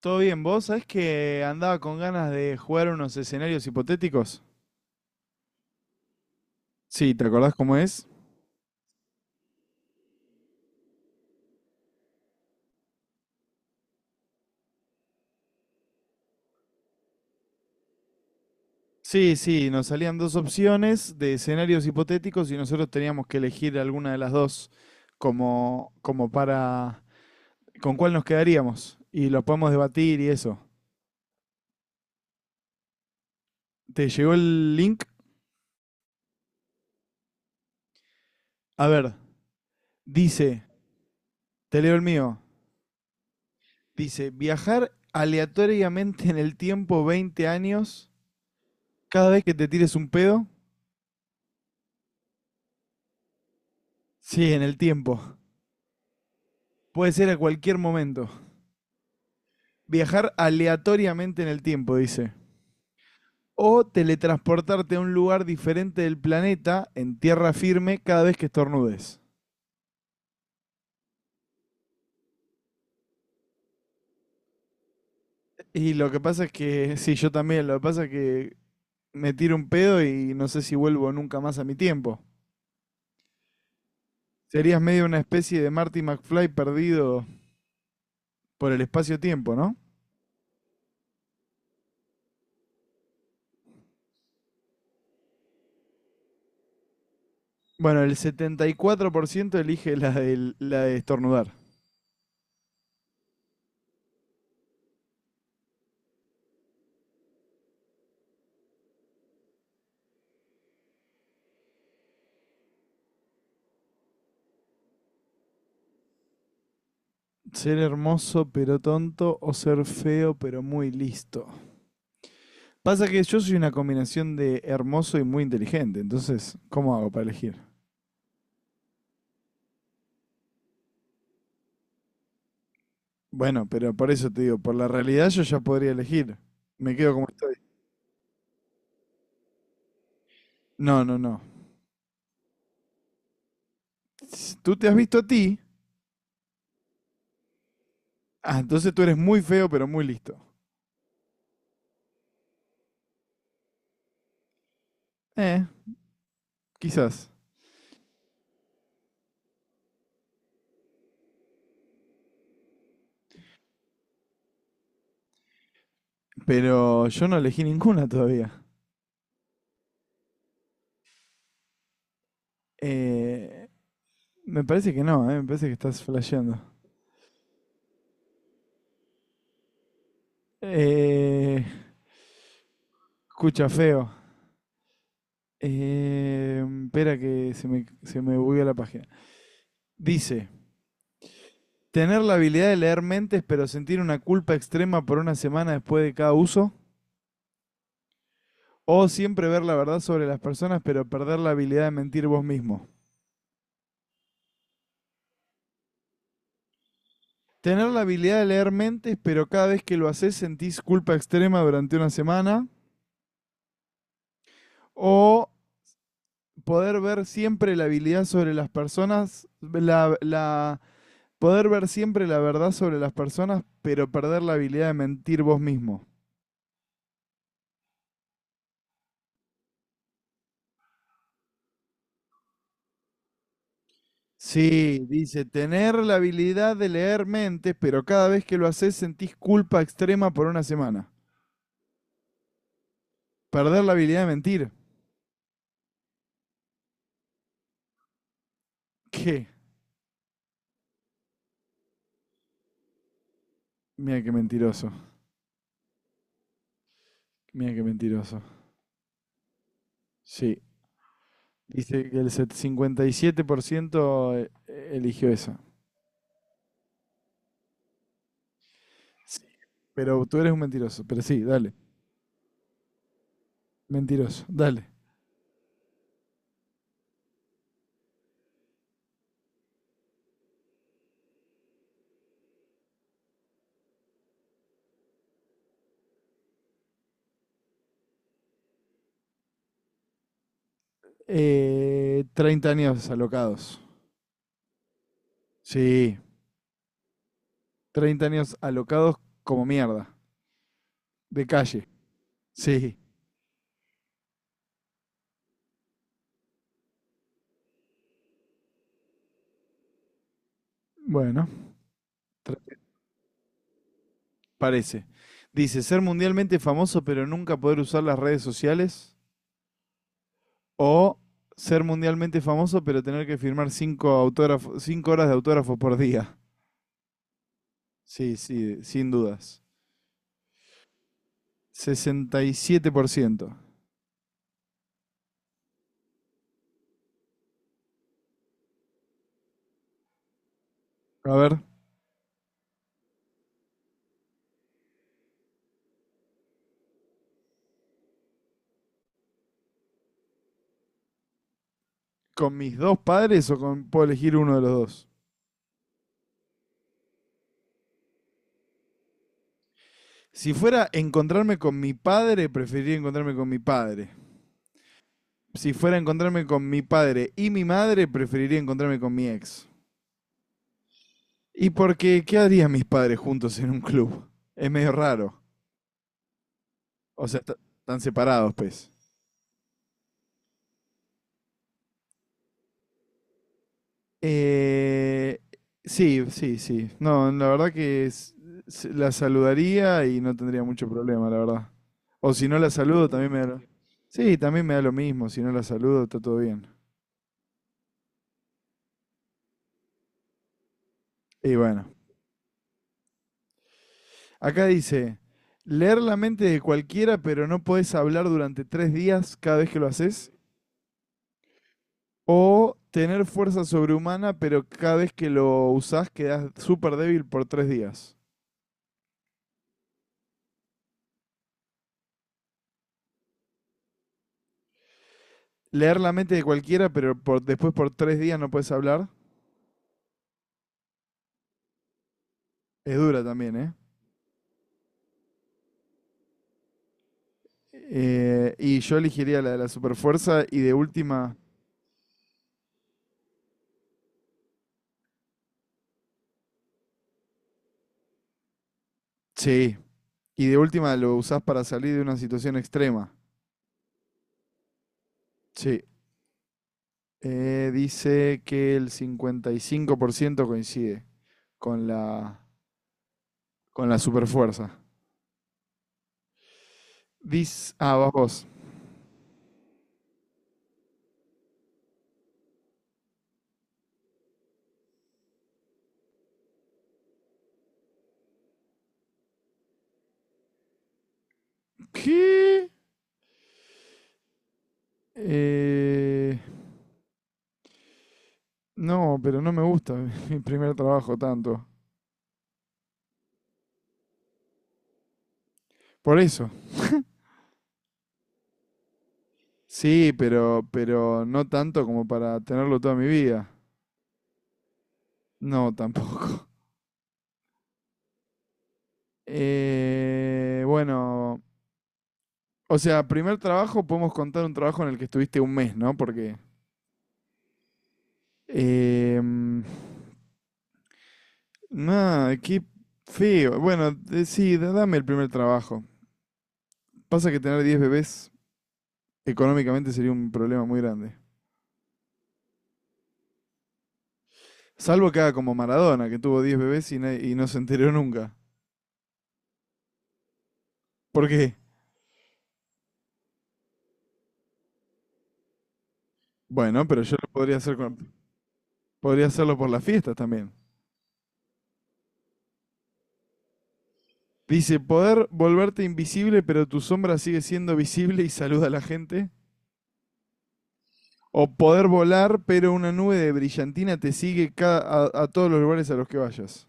Todo bien, vos sabés que andaba con ganas de jugar unos escenarios hipotéticos. Sí, ¿te acordás cómo es? Sí, sí, nos salían dos opciones de escenarios hipotéticos y nosotros teníamos que elegir alguna de las dos como para con cuál nos quedaríamos y lo podemos debatir y eso. ¿Te llegó el link? A ver, dice, te leo el mío. Dice, viajar aleatoriamente en el tiempo 20 años cada vez que te tires un pedo. Sí, en el tiempo. Puede ser a cualquier momento. Viajar aleatoriamente en el tiempo, dice. O teletransportarte a un lugar diferente del planeta en tierra firme cada vez que estornudes. Y lo que pasa es que, sí, yo también, lo que pasa es que me tiro un pedo y no sé si vuelvo nunca más a mi tiempo. Serías medio una especie de Marty McFly perdido por el espacio-tiempo, ¿no? Bueno, el 74% elige la, la de estornudar. Ser hermoso pero tonto o ser feo pero muy listo. Pasa que yo soy una combinación de hermoso y muy inteligente, entonces, ¿cómo hago para elegir? Bueno, pero por eso te digo, por la realidad yo ya podría elegir. Me quedo como estoy. No, no, no. Tú te has visto a ti, ah, entonces tú eres muy feo pero muy listo. Eh, quizás. Pero yo no elegí ninguna todavía. Eh, me parece que no, me parece que estás flasheando. Eh, escucha, feo. Espera que se me bugueó la página. Dice, tener la habilidad de leer mentes, pero sentir una culpa extrema por una semana después de cada uso. O siempre ver la verdad sobre las personas, pero perder la habilidad de mentir vos mismo. Tener la habilidad de leer mentes, pero cada vez que lo haces sentís culpa extrema durante una semana. O poder ver siempre la habilidad sobre las personas, poder ver siempre la verdad sobre las personas, pero perder la habilidad de mentir vos mismo. Sí, dice, tener la habilidad de leer mentes, pero cada vez que lo haces sentís culpa extrema por una semana. Perder la habilidad de mentir. ¿Qué? Mira qué mentiroso. Mira qué mentiroso. Sí. Dice que el 57% eligió esa. Sí, pero tú eres un mentiroso. Pero sí, dale. Mentiroso, dale. 30 años alocados. Sí. 30 años alocados como mierda. De calle. Sí. Bueno. Parece. Dice, ser mundialmente famoso pero nunca poder usar las redes sociales. O ser mundialmente famoso pero tener que firmar cinco, autógrafos, 5 horas de autógrafo por día. Sí, sí, sin dudas. 67%. A ver, ¿con mis dos padres o puedo elegir uno de los dos? Si fuera encontrarme con mi padre, preferiría encontrarme con mi padre. Si fuera encontrarme con mi padre y mi madre, preferiría encontrarme con mi ex. Y porque, ¿qué harían mis padres juntos en un club? Es medio raro. O sea, están separados, pues. Eh, sí, sí, sí. No, la verdad que la saludaría y no tendría mucho problema, la verdad. O si no la saludo, también me da lo... Sí, también me da lo mismo. Si no la saludo, está todo bien. Y bueno, acá dice, leer la mente de cualquiera, pero no podés hablar durante 3 días cada vez que lo haces. O tener fuerza sobrehumana, pero cada vez que lo usás quedás súper débil por 3 días. Leer la mente de cualquiera, pero después por 3 días no puedes hablar. Es dura también, ¿eh? Y yo elegiría la de la superfuerza y de última... Sí. Y de última lo usás para salir de una situación extrema. Sí. Dice que el 55% coincide con la, con la superfuerza. Dice... Ah, vas vos. ¿Qué? Eh, no, pero no me gusta mi primer trabajo tanto. Por eso. Sí, pero no tanto como para tenerlo toda mi vida. No, tampoco. Bueno, o sea, primer trabajo podemos contar un trabajo en el que estuviste un mes, ¿no? Porque... Eh, nada, qué feo. Bueno, sí, dame el primer trabajo. Pasa que tener 10 bebés económicamente sería un problema muy grande. Salvo que haga como Maradona, que tuvo 10 bebés y, y no se enteró nunca. ¿Por qué? Bueno, pero yo lo podría hacer podría hacerlo por las fiestas también. Dice, poder volverte invisible, pero tu sombra sigue siendo visible y saluda a la gente. O poder volar, pero una nube de brillantina te sigue a todos los lugares a los que vayas.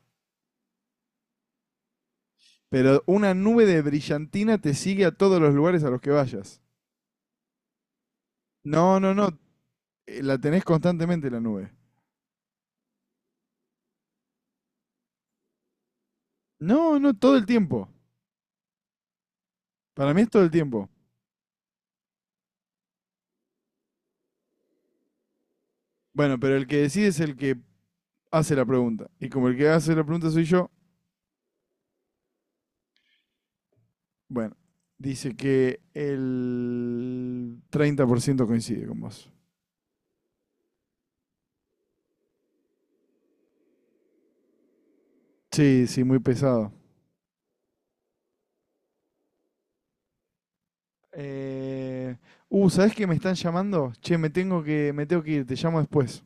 Pero una nube de brillantina te sigue a todos los lugares a los que vayas. No, no, no. La tenés constantemente la nube. No, no, todo el tiempo. Para mí es todo el tiempo. Bueno, pero el que decide es el que hace la pregunta. Y como el que hace la pregunta soy yo, bueno, dice que el 30% coincide con vos. Sí, sí, muy pesado. Eh, ¿Sabés que me están llamando? Che, me tengo que ir, te llamo después.